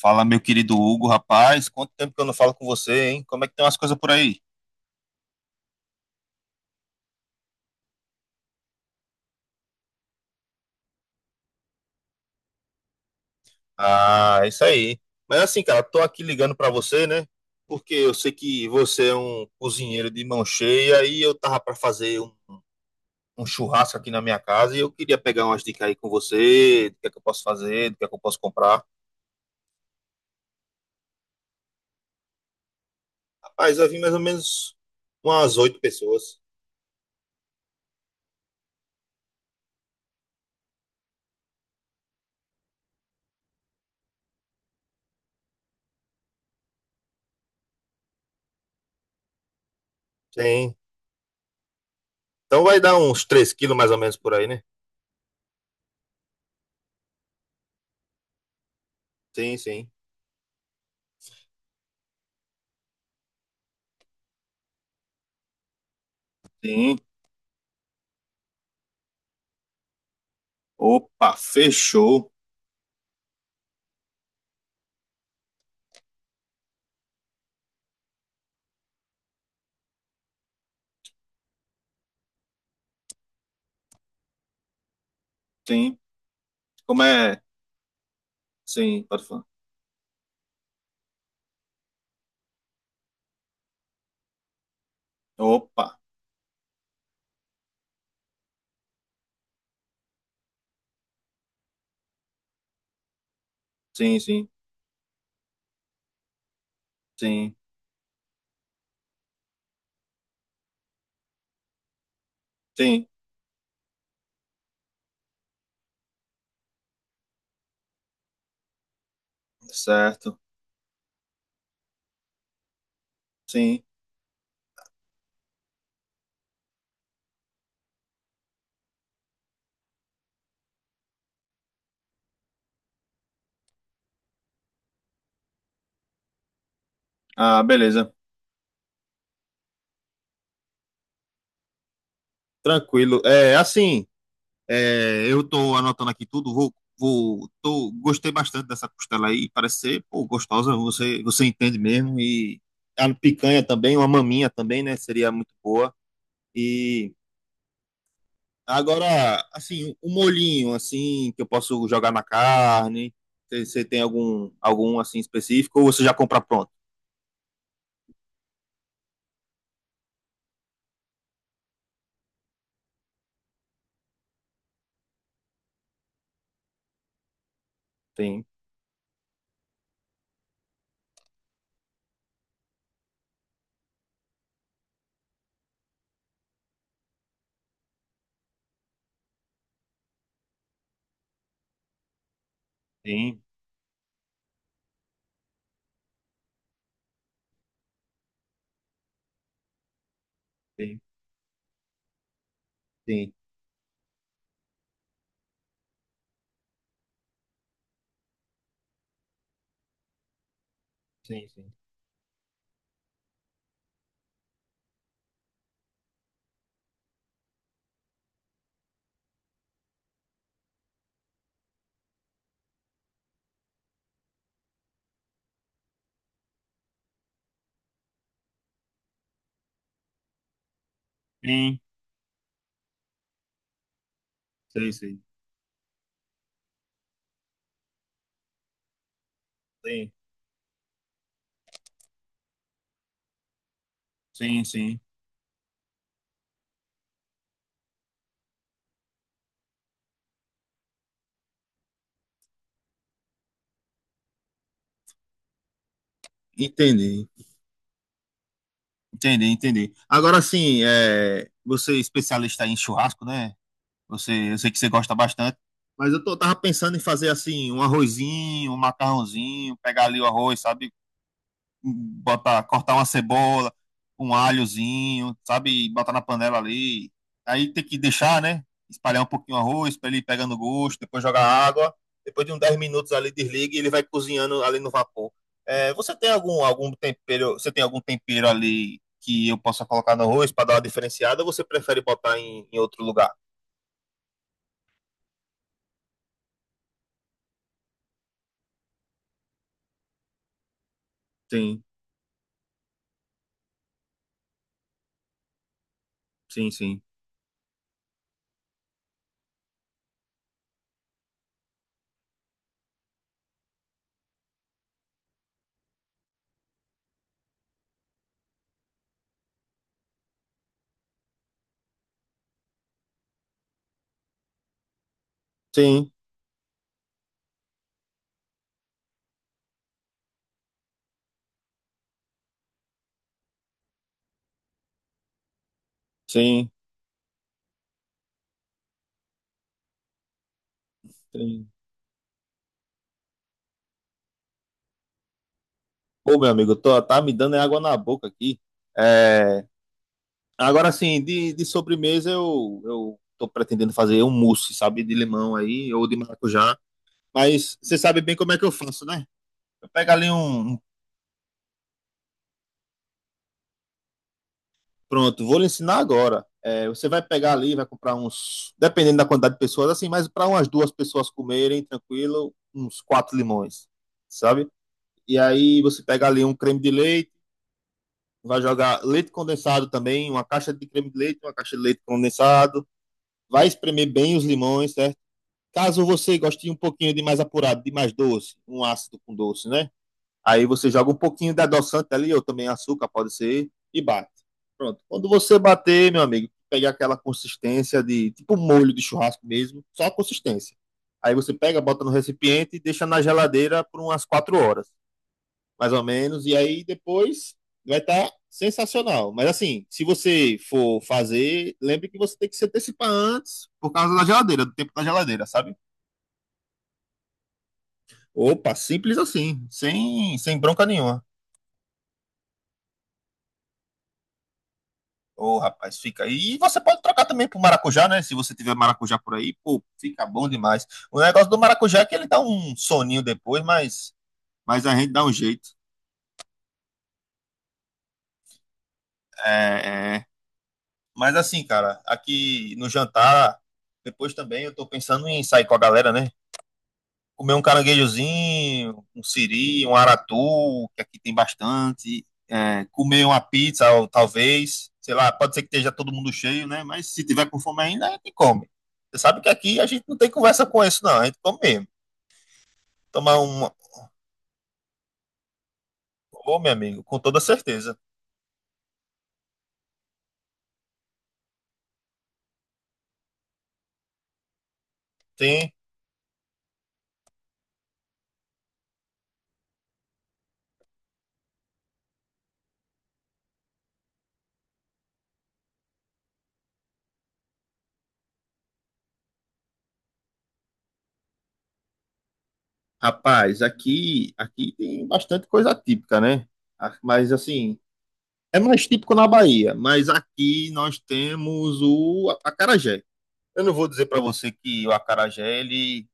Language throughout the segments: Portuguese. Fala, meu querido Hugo, rapaz, quanto tempo que eu não falo com você, hein? Como é que tem umas coisas por aí? Ah, é isso aí. Mas assim, cara, tô aqui ligando pra você, né? Porque eu sei que você é um cozinheiro de mão cheia e eu tava pra fazer um churrasco aqui na minha casa e eu queria pegar umas dicas aí com você, do que é que eu posso fazer, do que é que eu posso comprar. Rapaz, vai vir mais ou menos umas oito pessoas. Sim. Então vai dar uns três quilos mais ou menos por aí, né? Sim, sim. Sim. Opa, fechou. Sim. Como é? Sim, pode falar. Opa, sim, sim, sim, sim, certo, sim. Ah, beleza, tranquilo. É, assim, é, eu tô anotando aqui tudo, tô, gostei bastante dessa costela aí, parece ser, pô, gostosa, você entende mesmo, e a picanha também, uma maminha também, né, seria muito boa. E agora, assim, um molhinho, assim, que eu posso jogar na carne, você tem algum, algum, assim, específico, ou você já compra pronto? Tem, tem. Sim, sim, sim, sim. Sim, sim sei. Sim, sim, sim. Entendi, entendi, entendi. Agora sim, é, você é especialista em churrasco, né? Você, eu sei que você gosta bastante, mas eu tô, tava pensando em fazer assim, um arrozinho, um macarrãozinho, pegar ali o arroz, sabe? Botar, cortar uma cebola, um alhozinho, sabe? E botar na panela ali. Aí tem que deixar, né? Espalhar um pouquinho o arroz para ele ir pegando gosto, depois jogar água. Depois de uns 10 minutos ali desliga e ele vai cozinhando ali no vapor. É, você tem algum, algum tempero, você tem algum tempero ali que eu possa colocar no arroz para dar uma diferenciada ou você prefere botar em, em outro lugar? Sim, sim, sim. Sim, sim, sim. Pô, meu amigo, tô, tá me dando água na boca aqui. Agora, assim, de sobremesa eu tô pretendendo fazer um mousse, sabe? De limão aí, ou de maracujá. Mas você sabe bem como é que eu faço, né? Eu pego ali um. Um- Pronto, vou lhe ensinar agora. É, você vai pegar ali, vai comprar uns. Dependendo da quantidade de pessoas, assim, mas para umas duas pessoas comerem, tranquilo, uns quatro limões, sabe? E aí você pega ali um creme de leite, vai jogar leite condensado também, uma caixa de creme de leite, uma caixa de leite condensado. Vai espremer bem os limões, certo? Caso você goste de um pouquinho de mais apurado, de mais doce, um ácido com doce, né? Aí você joga um pouquinho de adoçante ali, ou também açúcar, pode ser, e bate. Pronto. Quando você bater, meu amigo, pegar aquela consistência de tipo um molho de churrasco mesmo, só a consistência. Aí você pega, bota no recipiente e deixa na geladeira por umas quatro horas, mais ou menos, e aí depois vai estar sensacional. Mas assim, se você for fazer, lembre que você tem que se antecipar antes por causa da geladeira, do tempo da geladeira, sabe? Opa, simples assim, sem, sem bronca nenhuma. Ô, rapaz, fica aí. E você pode trocar também pro maracujá, né? Se você tiver maracujá por aí, pô, fica bom demais. O negócio do maracujá é que ele dá um soninho depois, mas a gente dá um jeito. É, é. Mas assim, cara, aqui no jantar, depois também eu tô pensando em sair com a galera, né? Comer um caranguejozinho, um siri, um aratu, que aqui tem bastante. É, comer uma pizza, ou talvez. Sei lá, pode ser que esteja todo mundo cheio, né? Mas se tiver com fome ainda, a gente come. Você sabe que aqui a gente não tem conversa com isso, não. A gente come mesmo. Tomar uma. Ô, meu amigo, com toda certeza. Tem. Rapaz, aqui tem bastante coisa típica, né? Ah, mas assim, é mais típico na Bahia. Mas aqui nós temos o acarajé. Eu não vou dizer para você que o acarajé ele,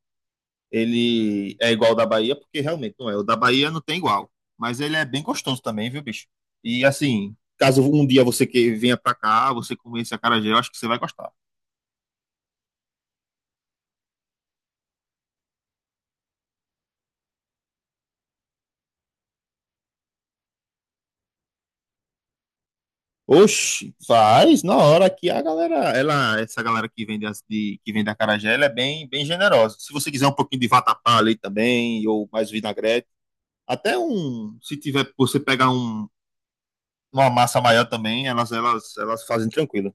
Ele é igual ao da Bahia, porque realmente não é. O da Bahia não tem igual. Mas ele é bem gostoso também, viu, bicho? E assim, caso um dia você que venha para cá, você comer esse acarajé, eu acho que você vai gostar. Oxi, faz na hora que a galera, ela, essa galera que vende acarajé, ela é bem, bem generosa. Se você quiser um pouquinho de vatapá ali também, ou mais vinagrete, até um, se tiver, você pegar um, uma massa maior também, elas fazem tranquilo.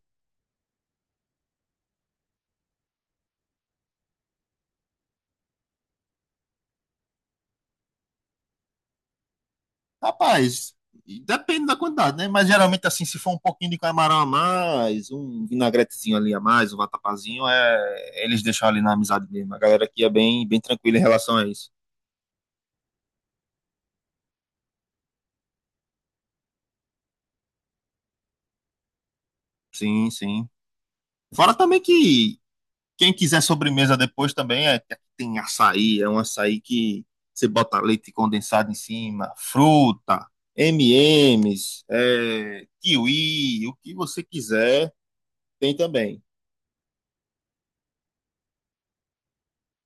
Rapaz, depende da quantidade, né? Mas geralmente, assim, se for um pouquinho de camarão a mais, um vinagretezinho ali a mais, um vatapazinho, é... eles deixam ali na amizade mesmo. A galera aqui é bem, bem tranquila em relação a isso. Sim, sim. Fora também que quem quiser sobremesa depois também é... tem açaí, é um açaí que você bota leite condensado em cima, fruta, M&M's, é... kiwi, o que você quiser, tem também.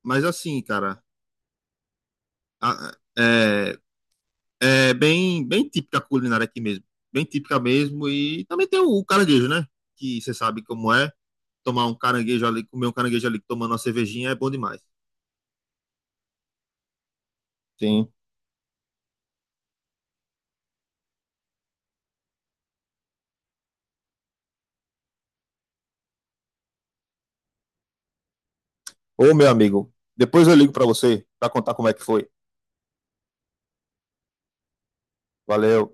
Mas assim, cara, a- é, é bem, bem típica a culinária aqui mesmo. Bem típica mesmo. E também tem o caranguejo, né? Que você sabe como é. Tomar um caranguejo ali, comer um caranguejo ali tomando uma cervejinha é bom demais. Sim. Ô, meu amigo, depois eu ligo pra você pra contar como é que foi. Valeu.